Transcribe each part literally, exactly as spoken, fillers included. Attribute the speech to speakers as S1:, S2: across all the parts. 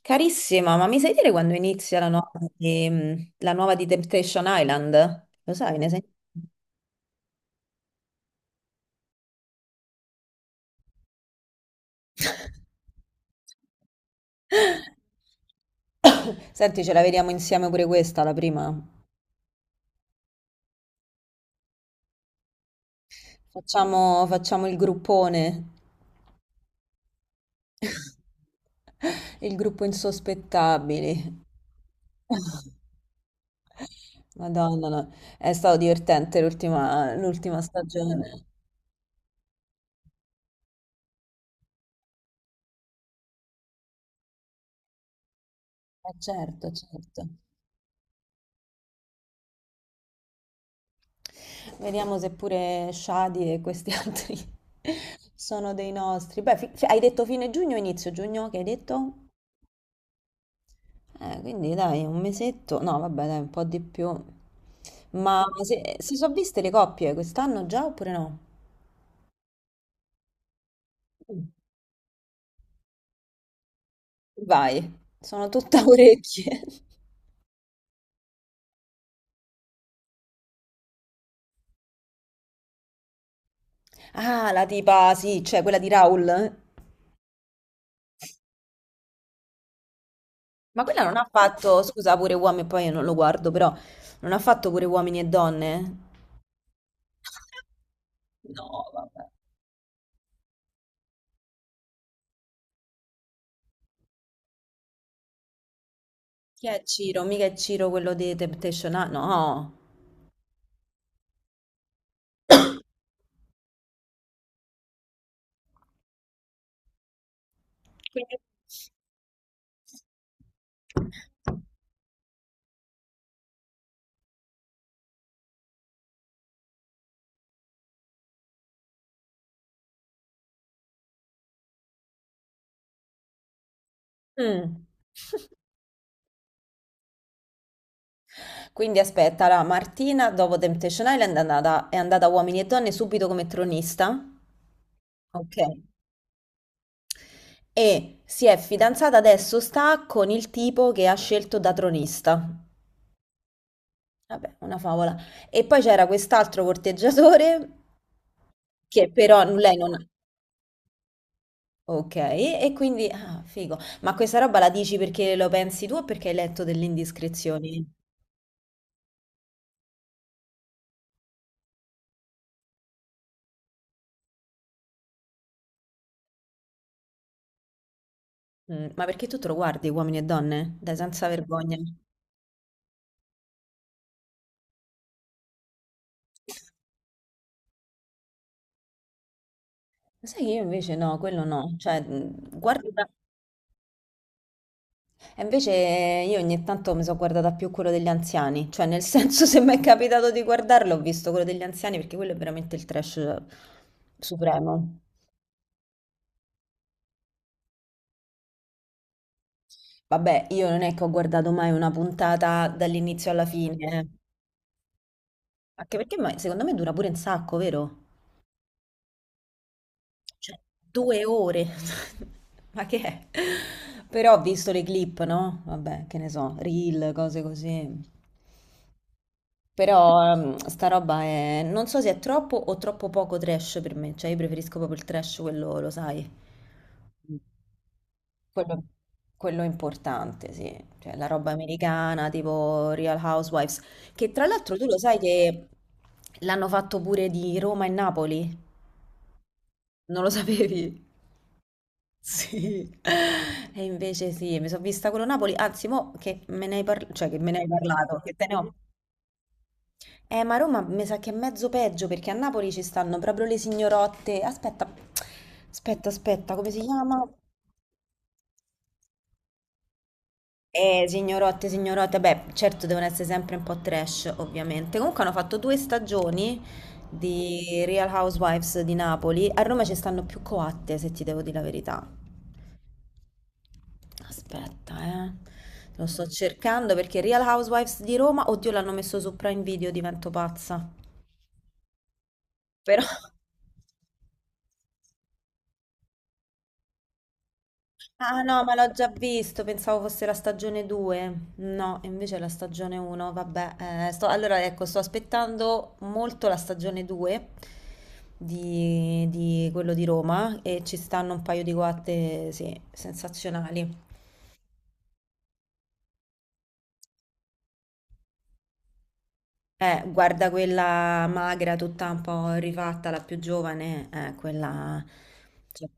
S1: Carissima, ma mi sai dire quando inizia la nuova di, mm, la nuova di Temptation Island? Lo sai, ne sai? Senti, ce la vediamo insieme pure questa, la prima. Facciamo, facciamo il gruppone. Il gruppo insospettabili. Madonna, no. È stato divertente l'ultima l'ultima stagione. Eh, certo, certo. Vediamo se pure Shadi e questi altri sono dei nostri. Beh, fi- fi- hai detto fine giugno, inizio giugno, che hai detto? Eh, quindi dai, un mesetto. No, vabbè, dai, un po' di più. Ma se- si sono viste le coppie quest'anno già oppure no? Mm. Vai, sono tutta orecchie. Ah, la tipa, sì, cioè quella di Raul. Ma quella non ha fatto, scusa, pure uomini, poi io non lo guardo, però non ha fatto pure uomini e donne? No, vabbè. Chi è Ciro? Mica è Ciro quello di Temptation Island? No. Quindi. Mm. Quindi aspetta, la Martina dopo Temptation Island è andata, è andata a Uomini e Donne subito come tronista. Ok. E si è fidanzata adesso, sta con il tipo che ha scelto da tronista. Vabbè, una favola. E poi c'era quest'altro corteggiatore che però lei non. Ok, e quindi. Ah, figo. Ma questa roba la dici perché lo pensi tu o perché hai letto delle indiscrezioni? Mh, ma perché tu te lo guardi Uomini e Donne? Dai, senza vergogna. Lo sai che io invece no, quello no, cioè mh, guardo da- e invece io ogni tanto mi sono guardata più quello degli anziani, cioè nel senso se mi è capitato di guardarlo ho visto quello degli anziani perché quello è veramente il trash supremo. Vabbè, io non è che ho guardato mai una puntata dall'inizio alla fine, eh. Anche perché ma- secondo me dura pure un sacco, vero? Cioè, due ore. Ma che è? Però ho visto le clip, no? Vabbè, che ne so, reel, cose così. Però ehm, sta roba è. Non so se è troppo o troppo poco trash per me. Cioè, io preferisco proprio il trash, quello, lo sai. Quello, quello è importante, sì. Cioè, la roba americana, tipo Real Housewives. Che tra l'altro tu lo sai che l'hanno fatto pure di Roma e Napoli? Non lo sapevi? Sì, e invece sì, mi sono vista quello Napoli, anzi, mo che me ne hai par- cioè, che me ne hai parlato, che te ne ho. Eh, ma Roma mi sa che è mezzo peggio perché a Napoli ci stanno proprio le signorotte. Aspetta, aspetta, aspetta, come si chiama? Eh, signorotte, signorotte, beh, certo devono essere sempre un po' trash, ovviamente. Comunque hanno fatto due stagioni di Real Housewives di Napoli. A Roma ci stanno più coatte, se ti devo dire la verità. Aspetta, eh. Lo sto cercando perché Real Housewives di Roma, oddio, l'hanno messo su Prime Video, divento pazza. Però, ah no, ma l'ho già visto, pensavo fosse la stagione due. No, invece è la stagione uno, vabbè. eh, sto- allora, ecco, sto aspettando molto la stagione due di, di quello di Roma e ci stanno un paio di guatte, sì, sensazionali. Eh, guarda quella magra, tutta un po' rifatta, la più giovane, eh, quella. Cioè,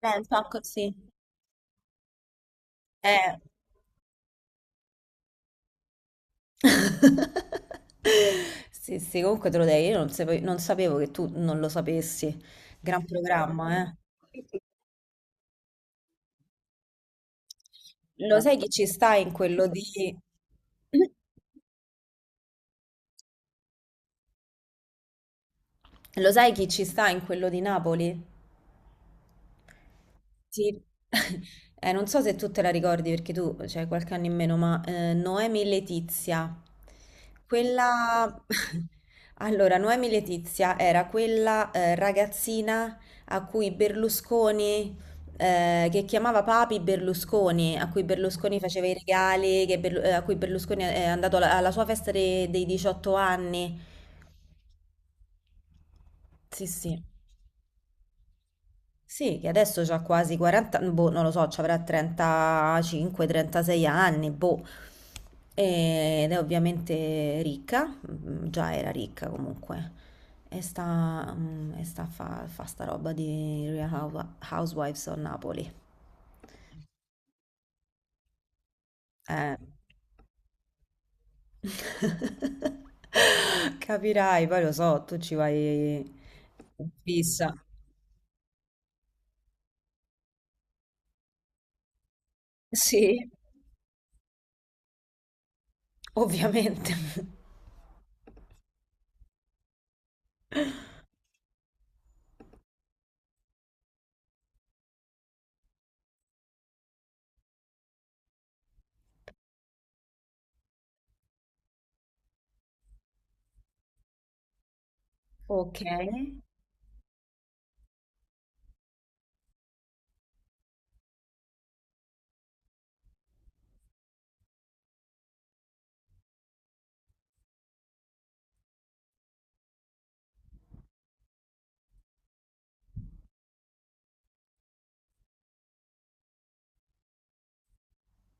S1: è un po' così. Eh. Sì, sì, comunque te lo dai, io non sape- non sapevo che tu non lo sapessi. Gran programma, eh. Lo sai chi ci sta in quello di. Lo sai chi ci sta in quello di Napoli? Sì, eh, non so se tu te la ricordi perché tu c'hai qualche anno in meno, ma eh, Noemi Letizia, quella. Allora, Noemi Letizia era quella eh, ragazzina a cui Berlusconi, eh, che chiamava Papi Berlusconi, a cui Berlusconi faceva i regali, che Berlu- eh, a cui Berlusconi è andato alla, alla sua festa de- dei diciotto anni. Sì, sì. Sì, che adesso ha quasi quaranta, boh, non lo so, ci avrà trentacinque o trentasei anni, boh. Ed è ovviamente ricca, mm, già era ricca comunque. E sta, mm, e sta a fa, fa sta roba di Real Hou- Housewives of Napoli. Eh. Capirai, poi lo so, tu ci vai in fissa, ovviamente. Ok.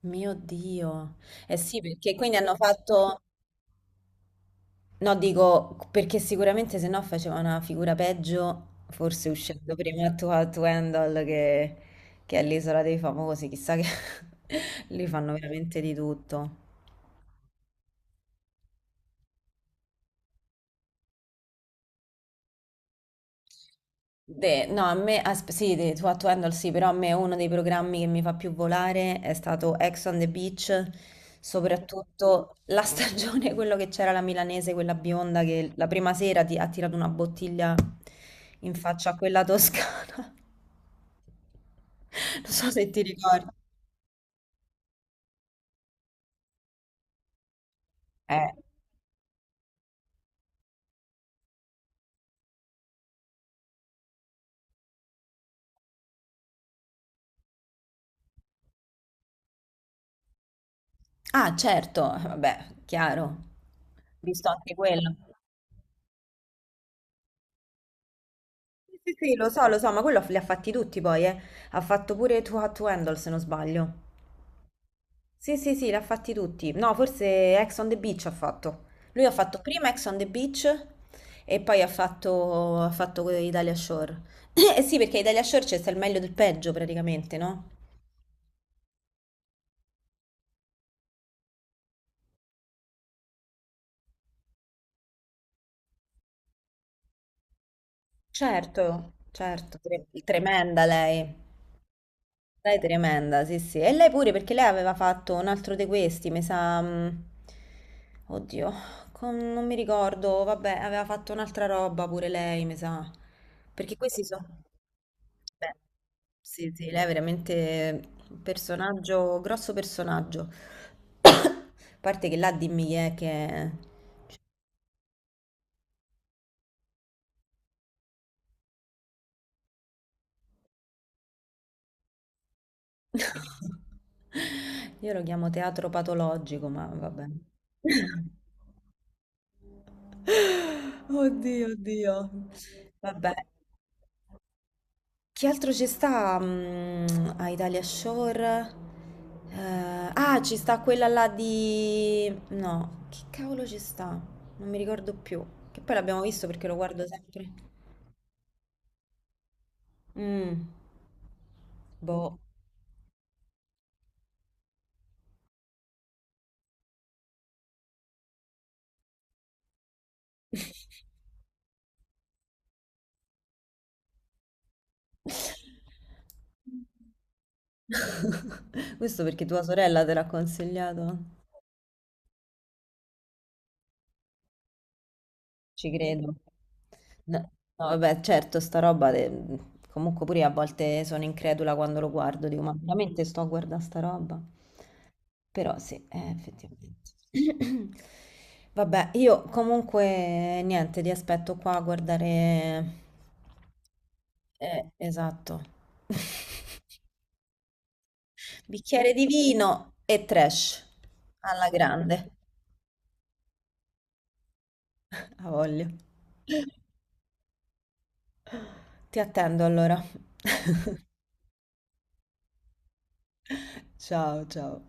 S1: Mio Dio. Eh sì, perché quindi hanno fatto. No, dico perché sicuramente se no faceva una figura peggio, forse uscendo prima tu a tu Handle che, che è l'Isola dei Famosi, chissà che lì fanno veramente di tutto. De- no, a me, asp- sì, de, Too Hot to Handle sì, però a me uno dei programmi che mi fa più volare è stato Ex on the Beach, soprattutto la stagione, quello che c'era la milanese, quella bionda che la prima sera ti ha tirato una bottiglia in faccia a quella toscana. Non so se ti ricordi. Eh. Ah, certo, vabbè, chiaro. Visto anche quello. Sì, sì, sì, lo so, lo so, ma quello li ha fatti tutti poi, eh. Ha fatto pure Too Hot to Handle, se non sbaglio. Sì, sì, sì, li ha fatti tutti. No, forse Ex on the Beach ha fatto. Lui ha fatto prima Ex on the Beach e poi ha fatto, ha fatto Italia Shore. Eh sì, perché Italia Shore c'è sta il meglio del peggio praticamente, no? Certo, certo, tre- tremenda lei. Lei è tremenda, sì, sì. E lei pure, perché lei aveva fatto un altro di questi, mi sa. mh, Oddio, con- non mi ricordo, vabbè, aveva fatto un'altra roba pure lei, mi sa. Perché questi sono. Beh, sì, sì, lei è veramente un personaggio, grosso personaggio. A parte che là dimmi chi è che. Io lo chiamo teatro patologico, ma vabbè. Oddio, oddio. Vabbè. Che altro ci sta mm, a Italia Shore? Eh, ah, ci sta quella là di. No, che cavolo ci sta? Non mi ricordo più. Che poi l'abbiamo visto perché lo guardo sempre. Mm, boh. Questo perché tua sorella te l'ha consigliato. Ci credo. No, no, vabbè, certo, sta roba, de- comunque pure io a volte sono incredula quando lo guardo, dico, ma veramente sto a guardare sta roba? Però sì, eh, effettivamente. Vabbè, io comunque niente, ti aspetto qua a guardare. Eh, esatto. Bicchiere di vino e trash alla grande. A voglia. Ti attendo allora. Ciao, ciao.